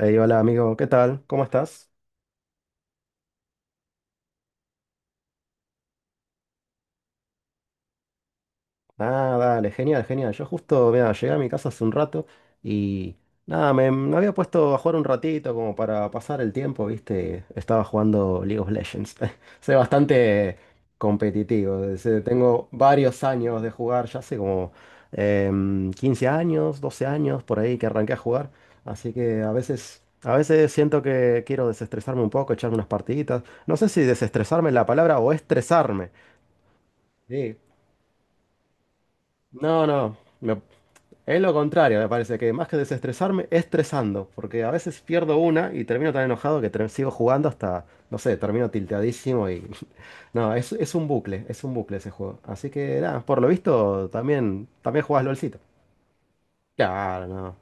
Ey, hola amigo, ¿qué tal? ¿Cómo estás? Ah, dale, genial, genial. Yo justo, mira, llegué a mi casa hace un rato y nada, me había puesto a jugar un ratito como para pasar el tiempo, ¿viste? Estaba jugando League of Legends. Soy bastante competitivo. Tengo varios años de jugar, ya hace como 15 años, 12 años por ahí que arranqué a jugar. Así que a veces siento que quiero desestresarme un poco, echarme unas partiditas. No sé si desestresarme es la palabra o estresarme. Sí. No, no. me- es lo contrario, me parece que más que desestresarme, estresando. Porque a veces pierdo una y termino tan enojado que sigo jugando hasta, no sé, termino tilteadísimo y. No, es un bucle, es un bucle ese juego. Así que nada, por lo visto también jugás LOLcito. Claro, no.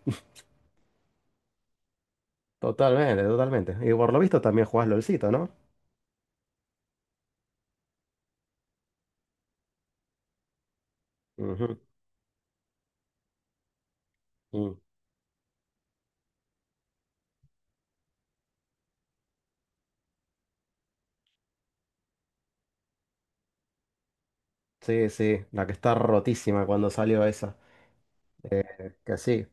Totalmente, totalmente. Y por lo visto también jugás LOLcito, ¿no? Ujú, mm. Sí, sí, la que está rotísima cuando salió esa. Que sí.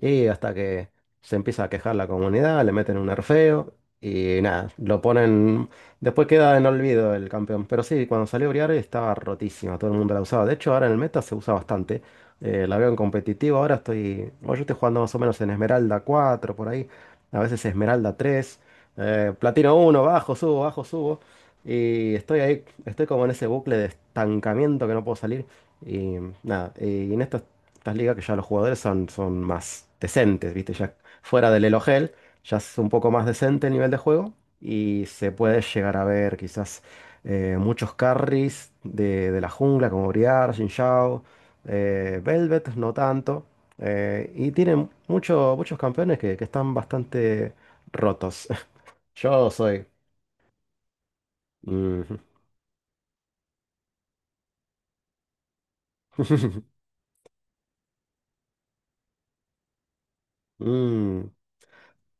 Y hasta que se empieza a quejar la comunidad, le meten un nerfeo y nada, lo ponen. Después queda en olvido el campeón. Pero sí, cuando salió Briar estaba rotísima, todo el mundo la usaba. De hecho, ahora en el meta se usa bastante. La veo en competitivo, ahora estoy. Bueno, yo estoy jugando más o menos en Esmeralda 4 por ahí. A veces Esmeralda tres, Platino uno, bajo, subo, bajo, subo. Y estoy ahí, estoy como en ese bucle de estancamiento que no puedo salir. Y nada, y en esto estas ligas que ya los jugadores son más decentes, ¿viste? Ya fuera del Elo Hell, ya es un poco más decente el nivel de juego y se puede llegar a ver quizás, muchos carries de la jungla como Briar, Jin Zhao, Velvet, no tanto. Y tienen muchos campeones que están bastante rotos. Yo soy... Mm. Mm.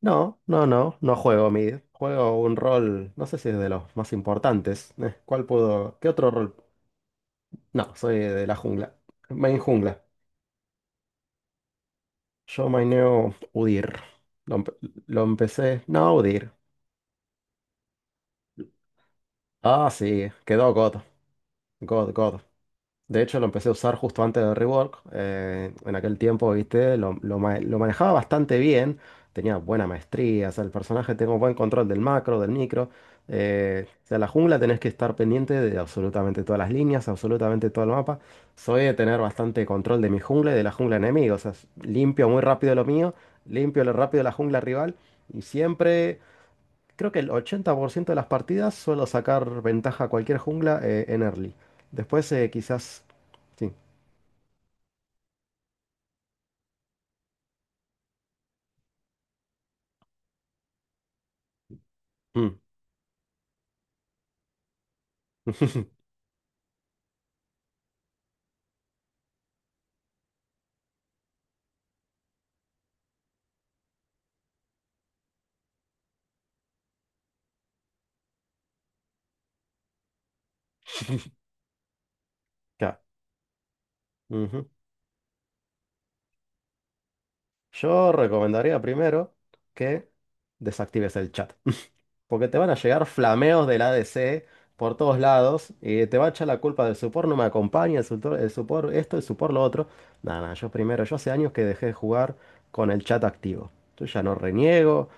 No, no, no, no juego mid. Juego un rol, no sé si es de los más importantes. ¿Cuál puedo? ¿Qué otro rol? No, soy de la jungla. Main jungla. Yo maineo Udyr. Lo, empe- lo empecé. No, Udyr. Ah, sí, quedó God. God, God. De hecho, lo empecé a usar justo antes de Rework. En aquel tiempo, viste, lo manejaba bastante bien. Tenía buena maestría. O sea, el personaje tengo buen control del macro, del micro. O sea, la jungla tenés que estar pendiente de absolutamente todas las líneas, absolutamente todo el mapa. Soy de tener bastante control de mi jungla y de la jungla enemiga. O sea, limpio muy rápido lo mío, limpio lo rápido la jungla rival. Y siempre creo que el 80% de las partidas suelo sacar ventaja a cualquier jungla, en early. Después, quizás... Sí. Mm. Claro. Ujú. Yo recomendaría primero que desactives el chat. Porque te van a llegar flameos del ADC por todos lados y te va a echar la culpa del support no me acompaña, el support esto, el support lo otro. Nada, nada, yo primero, yo hace años que dejé de jugar con el chat activo. Yo ya no reniego.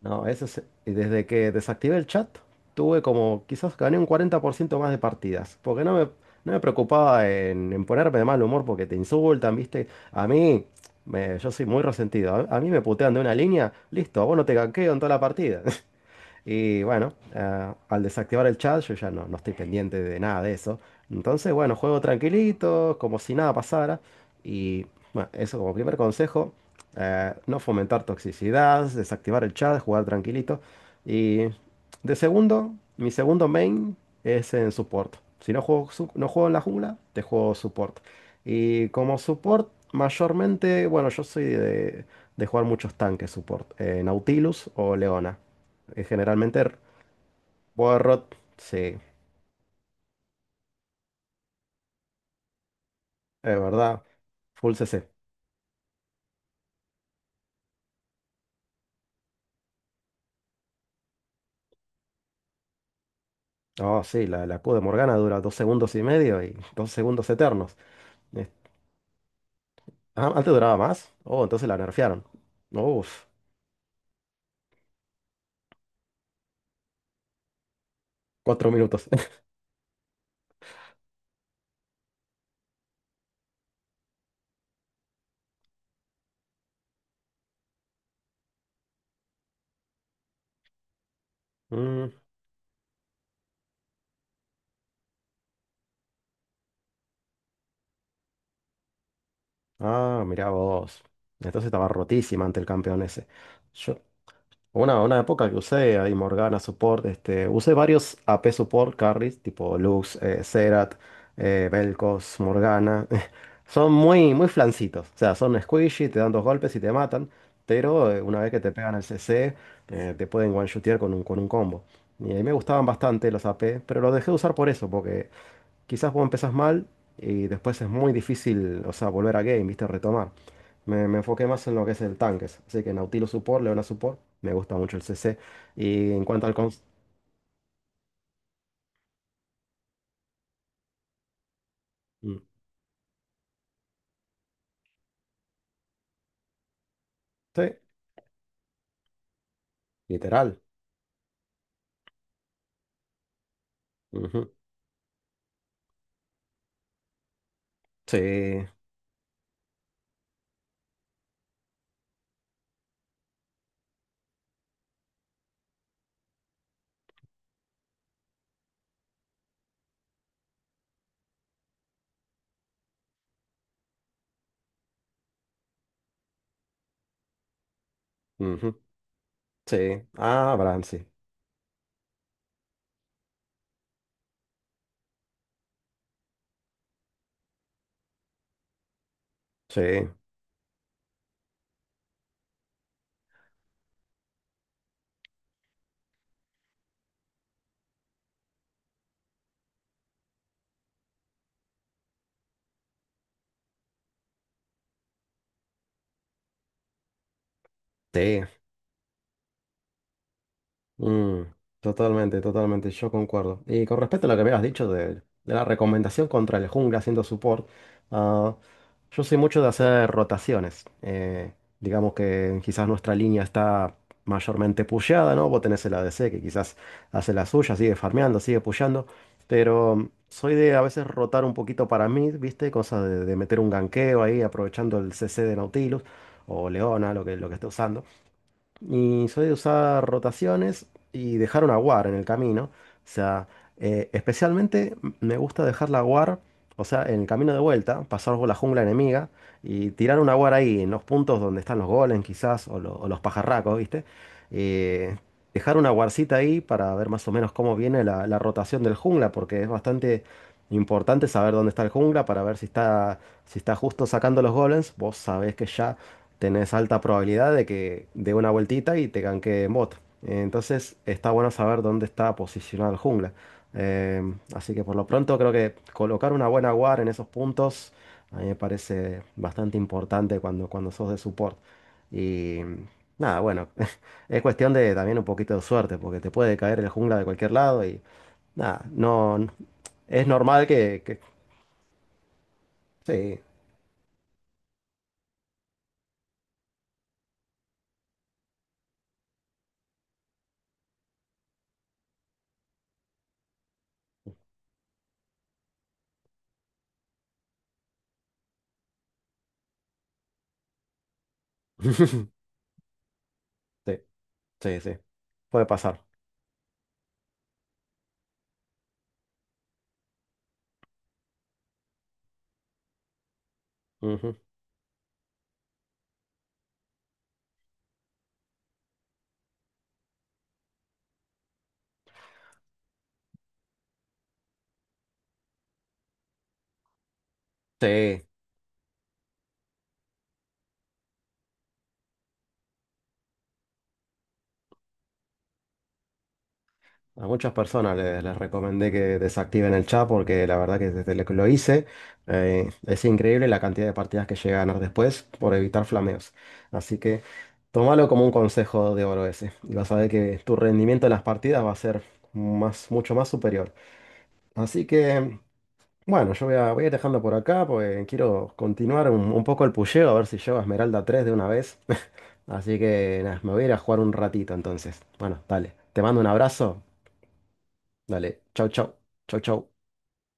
No, eso es, y desde que desactivé el chat, tuve como, quizás gané un 40% más de partidas, porque no me preocupaba en ponerme de mal humor porque te insultan, ¿viste? A mí, yo soy muy resentido, a mí me putean de una línea, listo, a vos no te ganqueo en toda la partida. Y bueno, al desactivar el chat, yo ya no estoy pendiente de nada de eso. Entonces, bueno, juego tranquilito, como si nada pasara. Y bueno, eso como primer consejo, no fomentar toxicidad, desactivar el chat, jugar tranquilito. Y de segundo, mi segundo main es en support. Si no juego, no juego en la jungla, te juego support. Y como support, mayormente, bueno, yo soy de jugar muchos tanques support. Nautilus o Leona, generalmente Boarrot, sí, es verdad. Full CC. Oh, sí, la Q de Morgana dura 2 segundos y medio y 2 segundos eternos. Eh, ah, antes duraba más. Oh, entonces la nerfearon. Uf, 4 minutos. Mm, ah, mirá vos. Entonces estaba rotísima ante el campeón ese. Yo, una época que usé ahí Morgana Support, este, usé varios AP Support carries, tipo Lux, Zerat, Vel'Koz, Morgana. Son muy, muy flancitos, o sea, son squishy, te dan 2 golpes y te matan, pero una vez que te pegan el CC, te pueden one-shotear con un combo. Y a mí me gustaban bastante los AP, pero los dejé de usar por eso, porque quizás vos empezás mal y después es muy difícil, o sea, volver a game, viste, retomar. Me enfoqué más en lo que es el tanques. Así que Nautilus Support, Leona Support, me gusta mucho el CC. Y en cuanto al cons... Mm, sí, literal. Ujú, sí. Ujú, sí. Ah, Bran, sí. Sí. Sí. Mm, Totalmente, totalmente, yo concuerdo. Y con respecto a lo que me habías dicho de la recomendación contra el jungla haciendo support, ah, yo soy mucho de hacer rotaciones. Digamos que quizás nuestra línea está mayormente pusheada, ¿no? Vos tenés el ADC que quizás hace la suya, sigue farmeando, sigue pusheando, pero soy de a veces rotar un poquito para mí, ¿viste? Cosa de meter un ganqueo ahí aprovechando el CC de Nautilus o Leona, lo que esté usando. Y soy de usar rotaciones y dejar una war en el camino. O sea, especialmente me gusta dejar la war, o sea, en el camino de vuelta, pasar por la jungla enemiga y tirar una war ahí, en los puntos donde están los golems quizás, o los pajarracos, ¿viste? Eh, Dejar una warcita ahí para ver más o menos cómo viene la rotación del jungla, porque es bastante importante saber dónde está el jungla para ver si está, justo sacando los golems. Vos sabés que ya tenés alta probabilidad de que dé una vueltita y te ganque en bot. Entonces está bueno saber dónde está posicionado el jungla. Así que por lo pronto creo que colocar una buena guard en esos puntos a mí me parece bastante importante cuando sos de support. Y nada, bueno, es cuestión de también un poquito de suerte porque te puede caer el jungla de cualquier lado y nada, no, es normal que sí, sí, sí, sí, puede pasar. Ujú. Sí. A muchas personas les recomendé que desactiven el chat porque la verdad que desde lo que lo hice, es increíble la cantidad de partidas que llegué a ganar después por evitar flameos. Así que tómalo como un consejo de oro ese y vas a ver que tu rendimiento en las partidas va a ser más, mucho más superior. Así que bueno, yo voy a ir dejando por acá porque quiero continuar un poco el pusheo a ver si llego a Esmeralda 3 de una vez. Así que nada, me voy a ir a jugar un ratito entonces. Bueno, dale. Te mando un abrazo. Dale, chau, chau. Chau, chau.